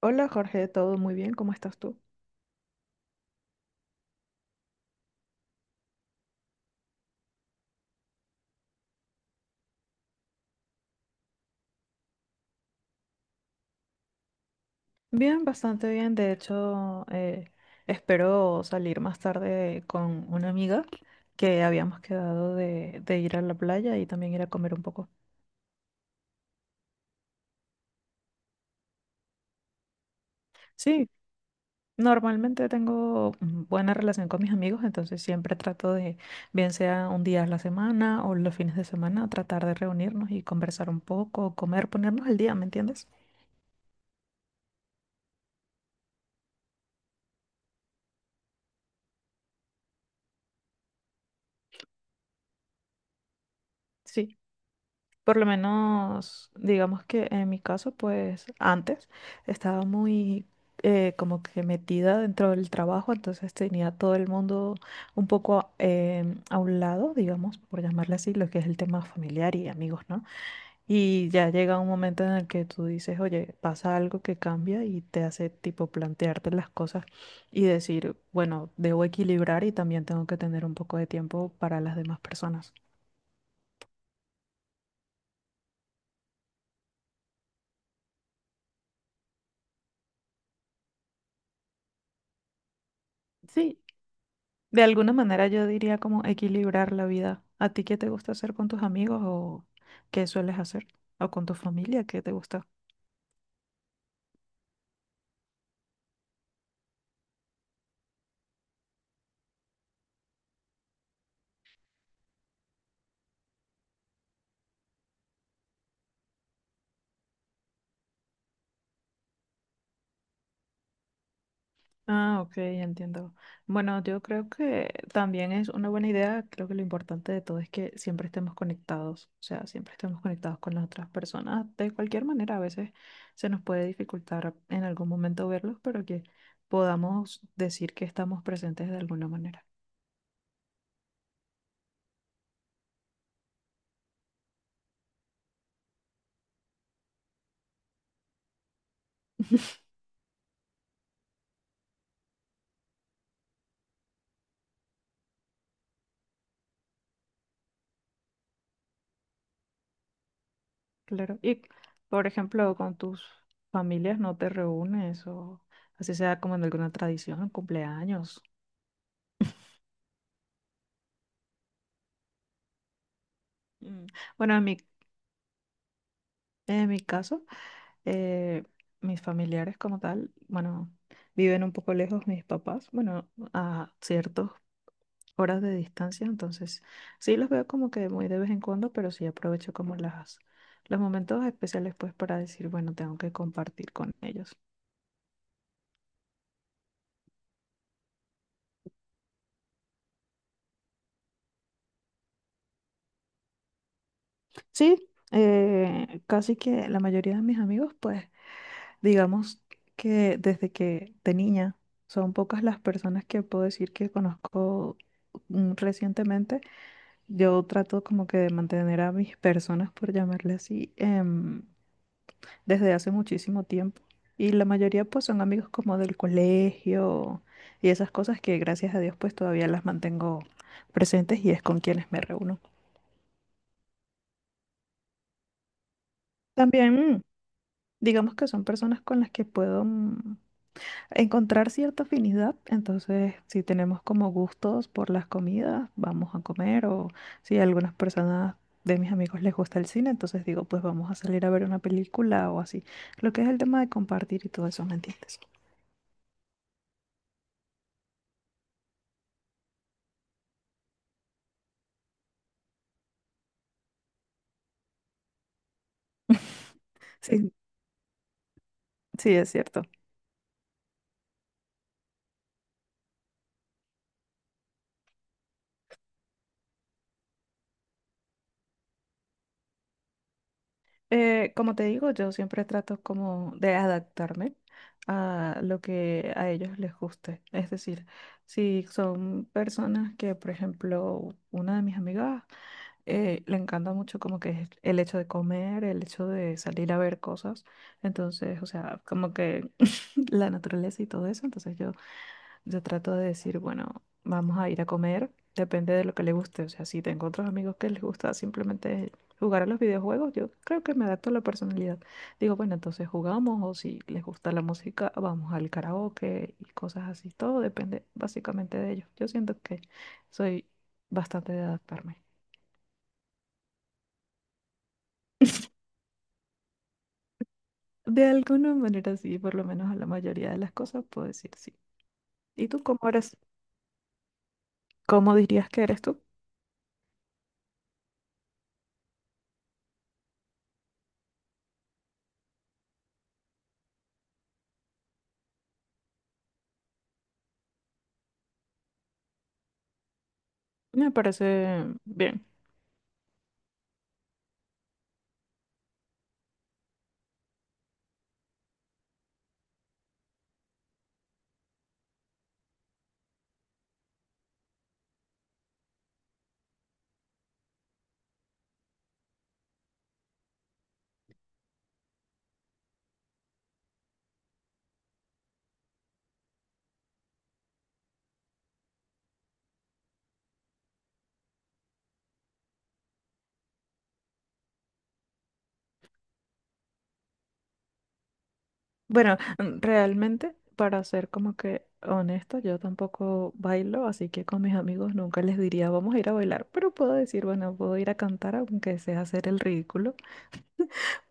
Hola Jorge, ¿todo muy bien? ¿Cómo estás tú? Bien, bastante bien. De hecho, espero salir más tarde con una amiga que habíamos quedado de ir a la playa y también ir a comer un poco. Sí, normalmente tengo buena relación con mis amigos, entonces siempre trato de, bien sea un día a la semana o los fines de semana, tratar de reunirnos y conversar un poco, comer, ponernos al día, ¿me entiendes? Sí. Por lo menos, digamos que en mi caso, pues antes estaba muy como que metida dentro del trabajo, entonces tenía todo el mundo un poco a un lado, digamos, por llamarle así, lo que es el tema familiar y amigos, ¿no? Y ya llega un momento en el que tú dices, oye, pasa algo que cambia y te hace tipo plantearte las cosas y decir, bueno, debo equilibrar y también tengo que tener un poco de tiempo para las demás personas. Sí. De alguna manera yo diría como equilibrar la vida. ¿A ti qué te gusta hacer con tus amigos o qué sueles hacer? ¿O con tu familia? ¿Qué te gusta? Ah, ok, entiendo. Bueno, yo creo que también es una buena idea. Creo que lo importante de todo es que siempre estemos conectados, o sea, siempre estemos conectados con las otras personas. De cualquier manera, a veces se nos puede dificultar en algún momento verlos, pero que podamos decir que estamos presentes de alguna manera. Claro. Y, por ejemplo, con tus familias no te reúnes o así sea como en alguna tradición, cumpleaños. Mm. Bueno, en mi caso, eh, mis familiares como tal, bueno, viven un poco lejos mis papás, bueno, a ciertas horas de distancia, entonces sí los veo como que muy de vez en cuando, pero sí aprovecho como las, los momentos especiales pues para decir, bueno, tengo que compartir con ellos. Sí, casi que la mayoría de mis amigos pues digamos que desde que de niña son pocas las personas que puedo decir que conozco recientemente. Yo trato como que de mantener a mis personas, por llamarle así, desde hace muchísimo tiempo. Y la mayoría pues son amigos como del colegio y esas cosas que gracias a Dios pues todavía las mantengo presentes y es con quienes me reúno. También digamos que son personas con las que puedo... encontrar cierta afinidad. Entonces, si tenemos como gustos por las comidas, vamos a comer. O si a algunas personas de mis amigos les gusta el cine, entonces digo, pues vamos a salir a ver una película o así. Lo que es el tema de compartir y todo eso, ¿me entiendes? Sí, sí, es cierto. Como te digo, yo siempre trato como de adaptarme a lo que a ellos les guste. Es decir, si son personas que, por ejemplo, una de mis amigas le encanta mucho como que es el hecho de comer, el hecho de salir a ver cosas. Entonces, o sea, como que la naturaleza y todo eso. Yo trato de decir, bueno, vamos a ir a comer. Depende de lo que le guste. O sea, si tengo otros amigos que les gusta simplemente jugar a los videojuegos, yo creo que me adapto a la personalidad. Digo, bueno, entonces jugamos o si les gusta la música, vamos al karaoke y cosas así. Todo depende básicamente de ellos. Yo siento que soy bastante de adaptarme. De alguna manera sí, por lo menos a la mayoría de las cosas puedo decir sí. ¿Y tú cómo eres? ¿Cómo dirías que eres tú? Me parece bien. Bueno, realmente, para ser como que honesta, yo tampoco bailo, así que con mis amigos nunca les diría vamos a ir a bailar, pero puedo decir, bueno, puedo ir a cantar aunque sea hacer el ridículo.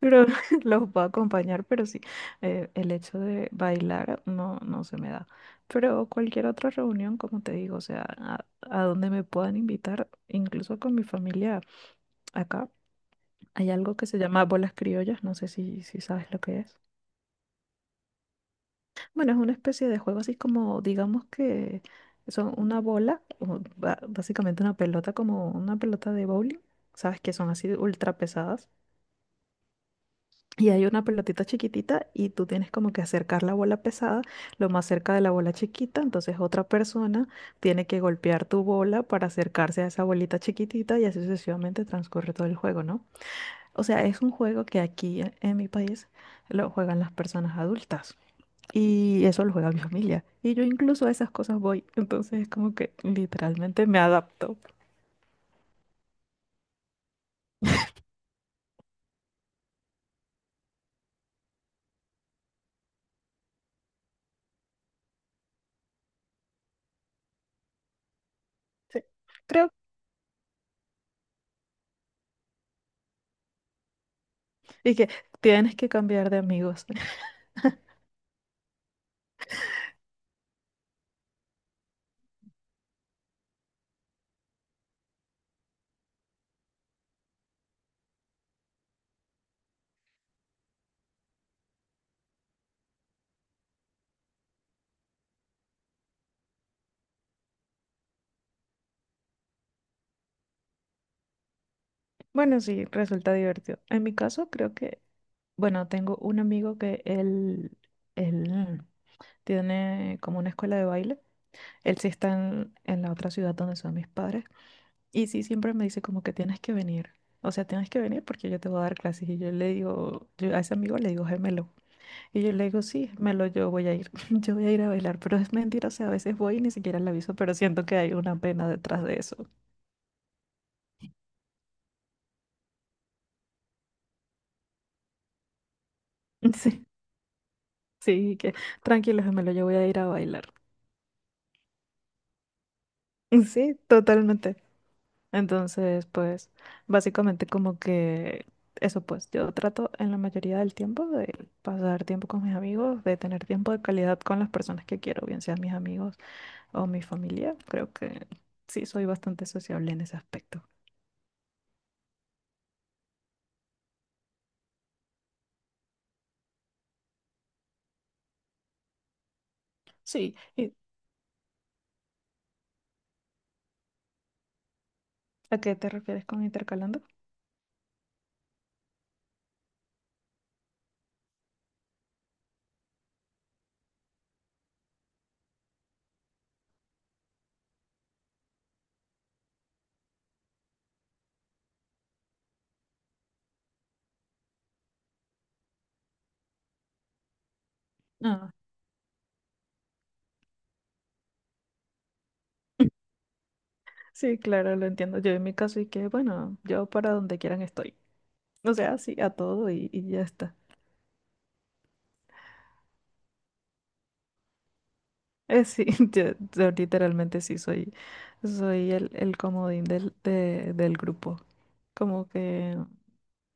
Pero los puedo acompañar, pero sí, el hecho de bailar no, no se me da. Pero cualquier otra reunión, como te digo, o sea, a donde me puedan invitar, incluso con mi familia acá, hay algo que se llama bolas criollas, no sé si, si sabes lo que es. Bueno, es una especie de juego así como, digamos que son una bola, o básicamente una pelota, como una pelota de bowling, sabes que son así ultra pesadas. Y hay una pelotita chiquitita y tú tienes como que acercar la bola pesada lo más cerca de la bola chiquita. Entonces otra persona tiene que golpear tu bola para acercarse a esa bolita chiquitita y así sucesivamente transcurre todo el juego, ¿no? O sea, es un juego que aquí en mi país lo juegan las personas adultas y eso lo juega mi familia. Y yo incluso a esas cosas voy. Entonces es como que literalmente me adapto. Sí, creo. Y que tienes que cambiar de amigos. Bueno, sí, resulta divertido. En mi caso, creo que, bueno, tengo un amigo que él tiene como una escuela de baile. Él sí está en la otra ciudad donde son mis padres. Y sí, siempre me dice como que tienes que venir. O sea, tienes que venir porque yo te voy a dar clases. Y yo le digo, yo a ese amigo le digo, gemelo. Y yo le digo, sí, gemelo, yo voy a ir. Yo voy a ir a bailar. Pero es mentira, o sea, a veces voy y ni siquiera le aviso, pero siento que hay una pena detrás de eso. Sí, sí, que tranquilo, gemelo, yo voy a ir a bailar. Sí, totalmente. Entonces, pues, básicamente como que eso, pues, yo trato en la mayoría del tiempo de pasar tiempo con mis amigos, de tener tiempo de calidad con las personas que quiero, bien sean mis amigos o mi familia. Creo que sí, soy bastante sociable en ese aspecto. Sí, ¿y a qué te refieres con intercalando? Ah. Sí, claro, lo entiendo. Yo en mi caso y que, bueno, yo para donde quieran estoy. O sea, sí, a todo y ya está. Sí, yo literalmente sí soy, soy el comodín del grupo. Como que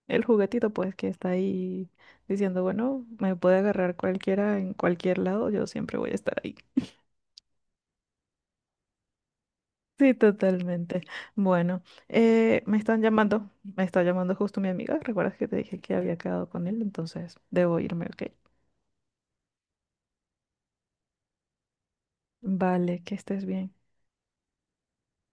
el juguetito pues que está ahí diciendo, bueno, me puede agarrar cualquiera en cualquier lado, yo siempre voy a estar ahí. Sí, totalmente. Bueno, me están llamando, me está llamando justo mi amiga. ¿Recuerdas que te dije que había quedado con él? Entonces, debo irme, ¿ok? Vale, que estés bien.